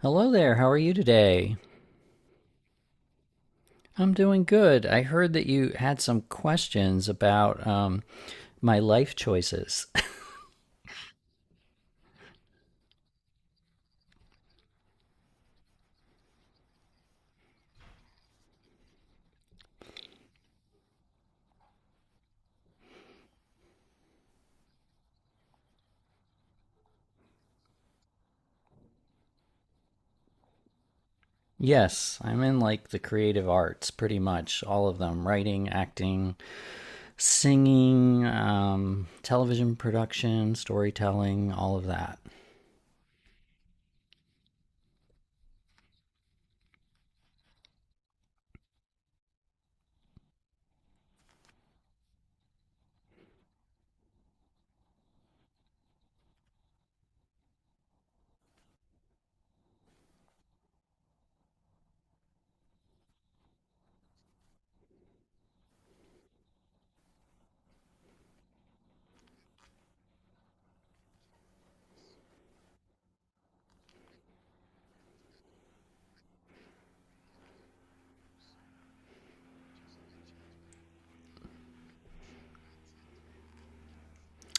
Hello there, how are you today? I'm doing good. I heard that you had some questions about my life choices. Yes, I'm in like the creative arts, pretty much all of them writing, acting, singing, television production, storytelling, all of that.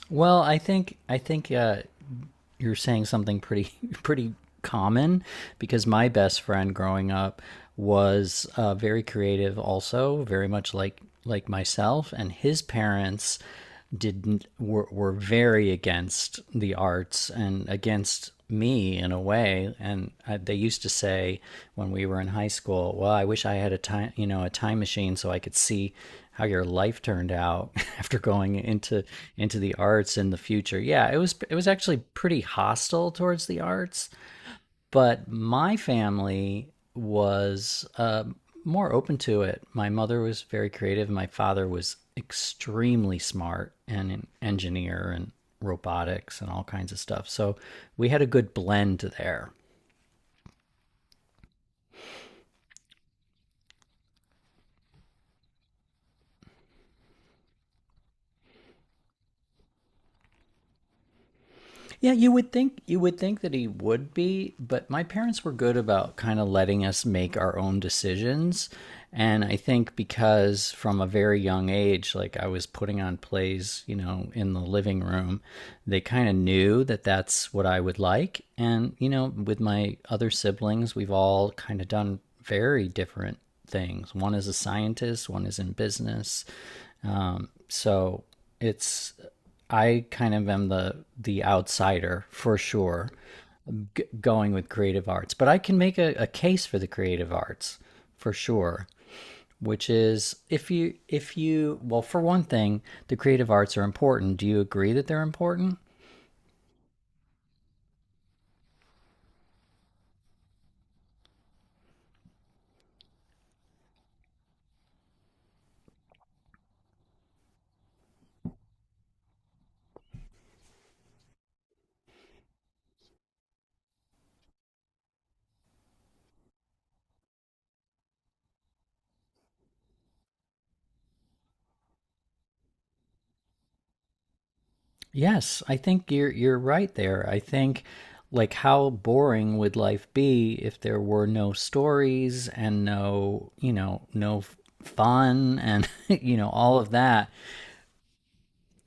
Well, I think you're saying something pretty pretty common because my best friend growing up was very creative, also very much like myself, and his parents didn't were very against the arts and against me in a way. And they used to say when we were in high school, "Well, I wish I had a time machine so I could see how your life turned out after going into the arts in the future." Yeah, it was actually pretty hostile towards the arts, but my family was more open to it. My mother was very creative. My father was extremely smart and an engineer and robotics and all kinds of stuff. So we had a good blend there. Yeah, you would think that he would be, but my parents were good about kind of letting us make our own decisions. And I think because from a very young age, like I was putting on plays, you know, in the living room, they kind of knew that that's what I would like. And, you know, with my other siblings, we've all kind of done very different things. One is a scientist, one is in business, so it's, I kind of am the outsider for sure, going with creative arts, but I can make a case for the creative arts for sure, which is, if you well, for one thing, the creative arts are important. Do you agree that they're important? Yes, I think you're right there. I think, like, how boring would life be if there were no stories and no, you know, no fun and you know, all of that.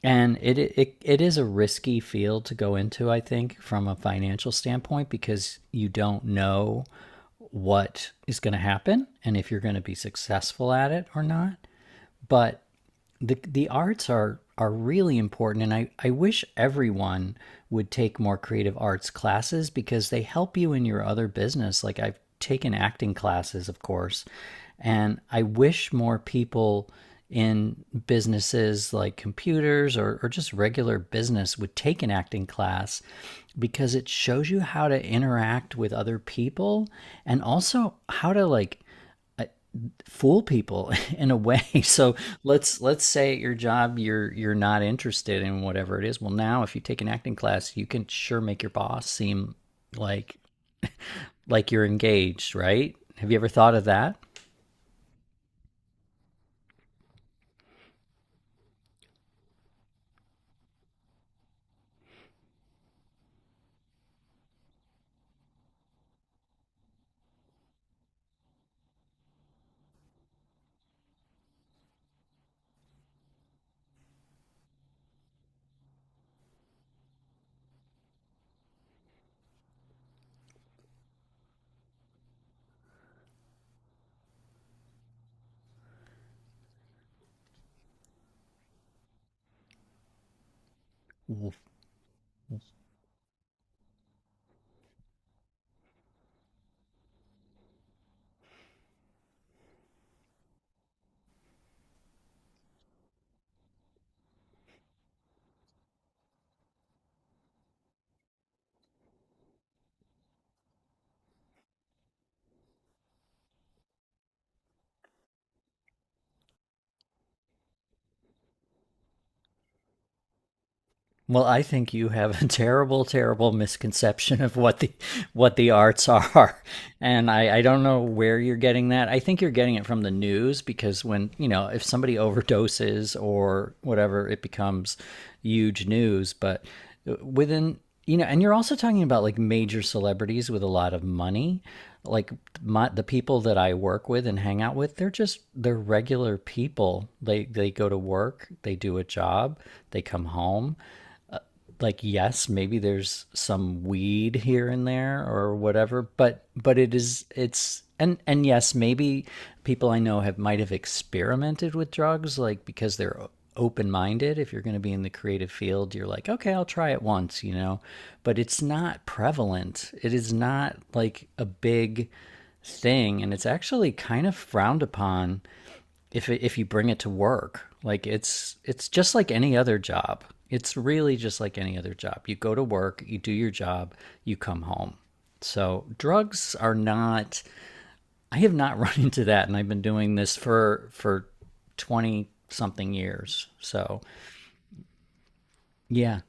And it is a risky field to go into, I think, from a financial standpoint, because you don't know what is going to happen and if you're going to be successful at it or not. But the arts are really important, and I wish everyone would take more creative arts classes because they help you in your other business. Like, I've taken acting classes, of course, and I wish more people in businesses like computers or just regular business would take an acting class, because it shows you how to interact with other people, and also how to like uh, fool people in a way. So let's say at your job you're not interested in whatever it is. Well, now if you take an acting class, you can sure make your boss seem like like you're engaged, right? Have you ever thought of that? Well, I think you have a terrible misconception of what the arts are, and I don't know where you're getting that. I think you're getting it from the news, because, when you know, if somebody overdoses or whatever, it becomes huge news. But within, you know, and you're also talking about like major celebrities with a lot of money. Like, my, the people that I work with and hang out with, they're just, they're regular people. They go to work, they do a job, they come home. Like, yes, maybe there's some weed here and there or whatever, but it is, it's, and yes, maybe people I know have might have experimented with drugs, like, because they're open minded. If you're going to be in the creative field, you're like, okay, I'll try it once, you know. But it's not prevalent, it is not like a big thing, and it's actually kind of frowned upon if if you bring it to work. Like, it's just like any other job, it's really just like any other job. You go to work, you do your job, you come home, so drugs are not, I have not run into that, and I've been doing this for 20 something years, so yeah.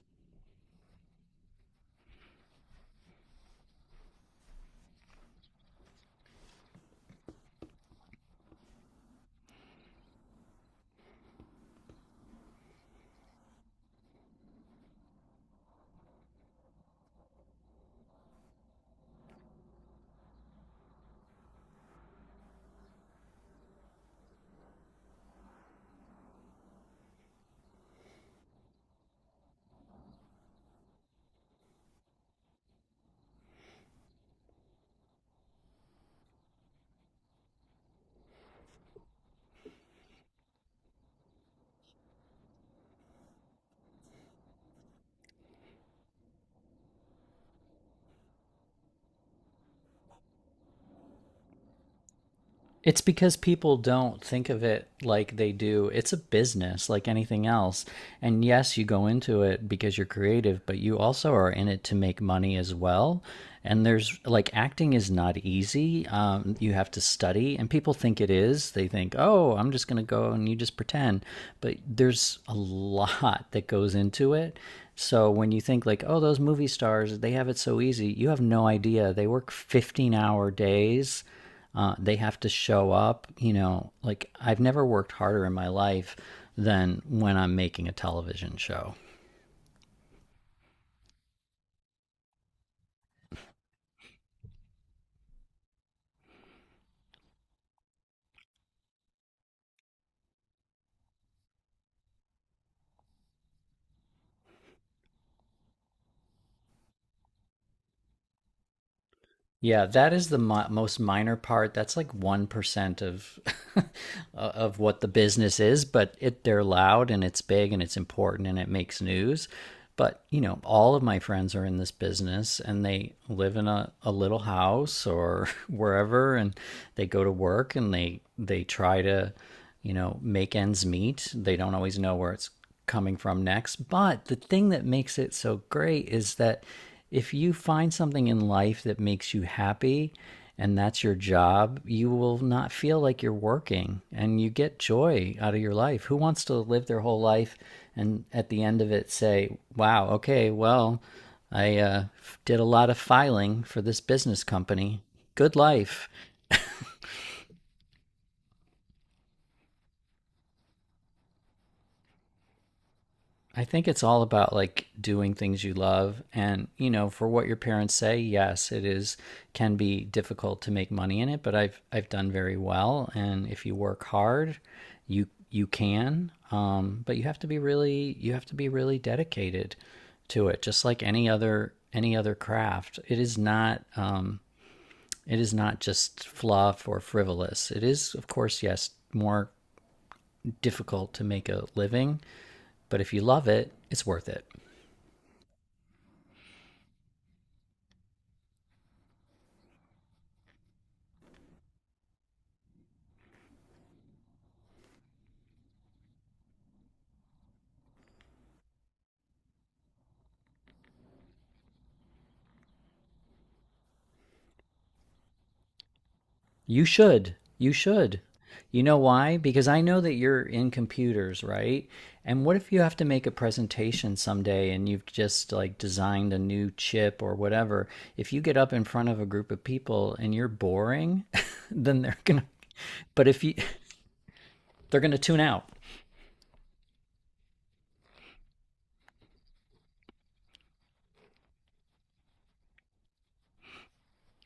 It's because people don't think of it like they do. It's a business like anything else. And yes, you go into it because you're creative, but you also are in it to make money as well. And there's like, acting is not easy. You have to study, and people think it is. They think, oh, I'm just going to go and you just pretend. But there's a lot that goes into it. So when you think, like, oh, those movie stars, they have it so easy, you have no idea. They work 15-hour days, they have to show up. You know, like, I've never worked harder in my life than when I'm making a television show. Yeah, that is the most minor part. That's like 1% of of what the business is, but it, they're loud and it's big and it's important and it makes news. But you know, all of my friends are in this business and they live in a little house or wherever, and they go to work and they try to, you know, make ends meet. They don't always know where it's coming from next. But the thing that makes it so great is that if you find something in life that makes you happy and that's your job, you will not feel like you're working, and you get joy out of your life. Who wants to live their whole life and at the end of it say, wow, okay, well, I did a lot of filing for this business company. Good life. I think it's all about like doing things you love. And you know, for what your parents say, yes, it is, can be difficult to make money in it, but I've done very well, and if you work hard, you can, um, but you have to be really, you have to be really dedicated to it, just like any other craft. It is not, um, it is not just fluff or frivolous. It is, of course, yes, more difficult to make a living, but if you love it, it's worth it. You should. You should. You know why? Because I know that you're in computers, right? And what if you have to make a presentation someday and you've just like designed a new chip or whatever? If you get up in front of a group of people and you're boring, then they're going to, but if you, they're going to tune out.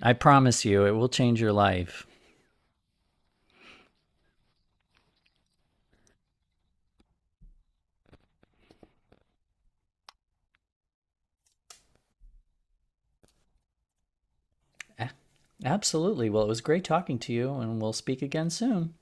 I promise you it will change your life. Absolutely. Well, it was great talking to you, and we'll speak again soon.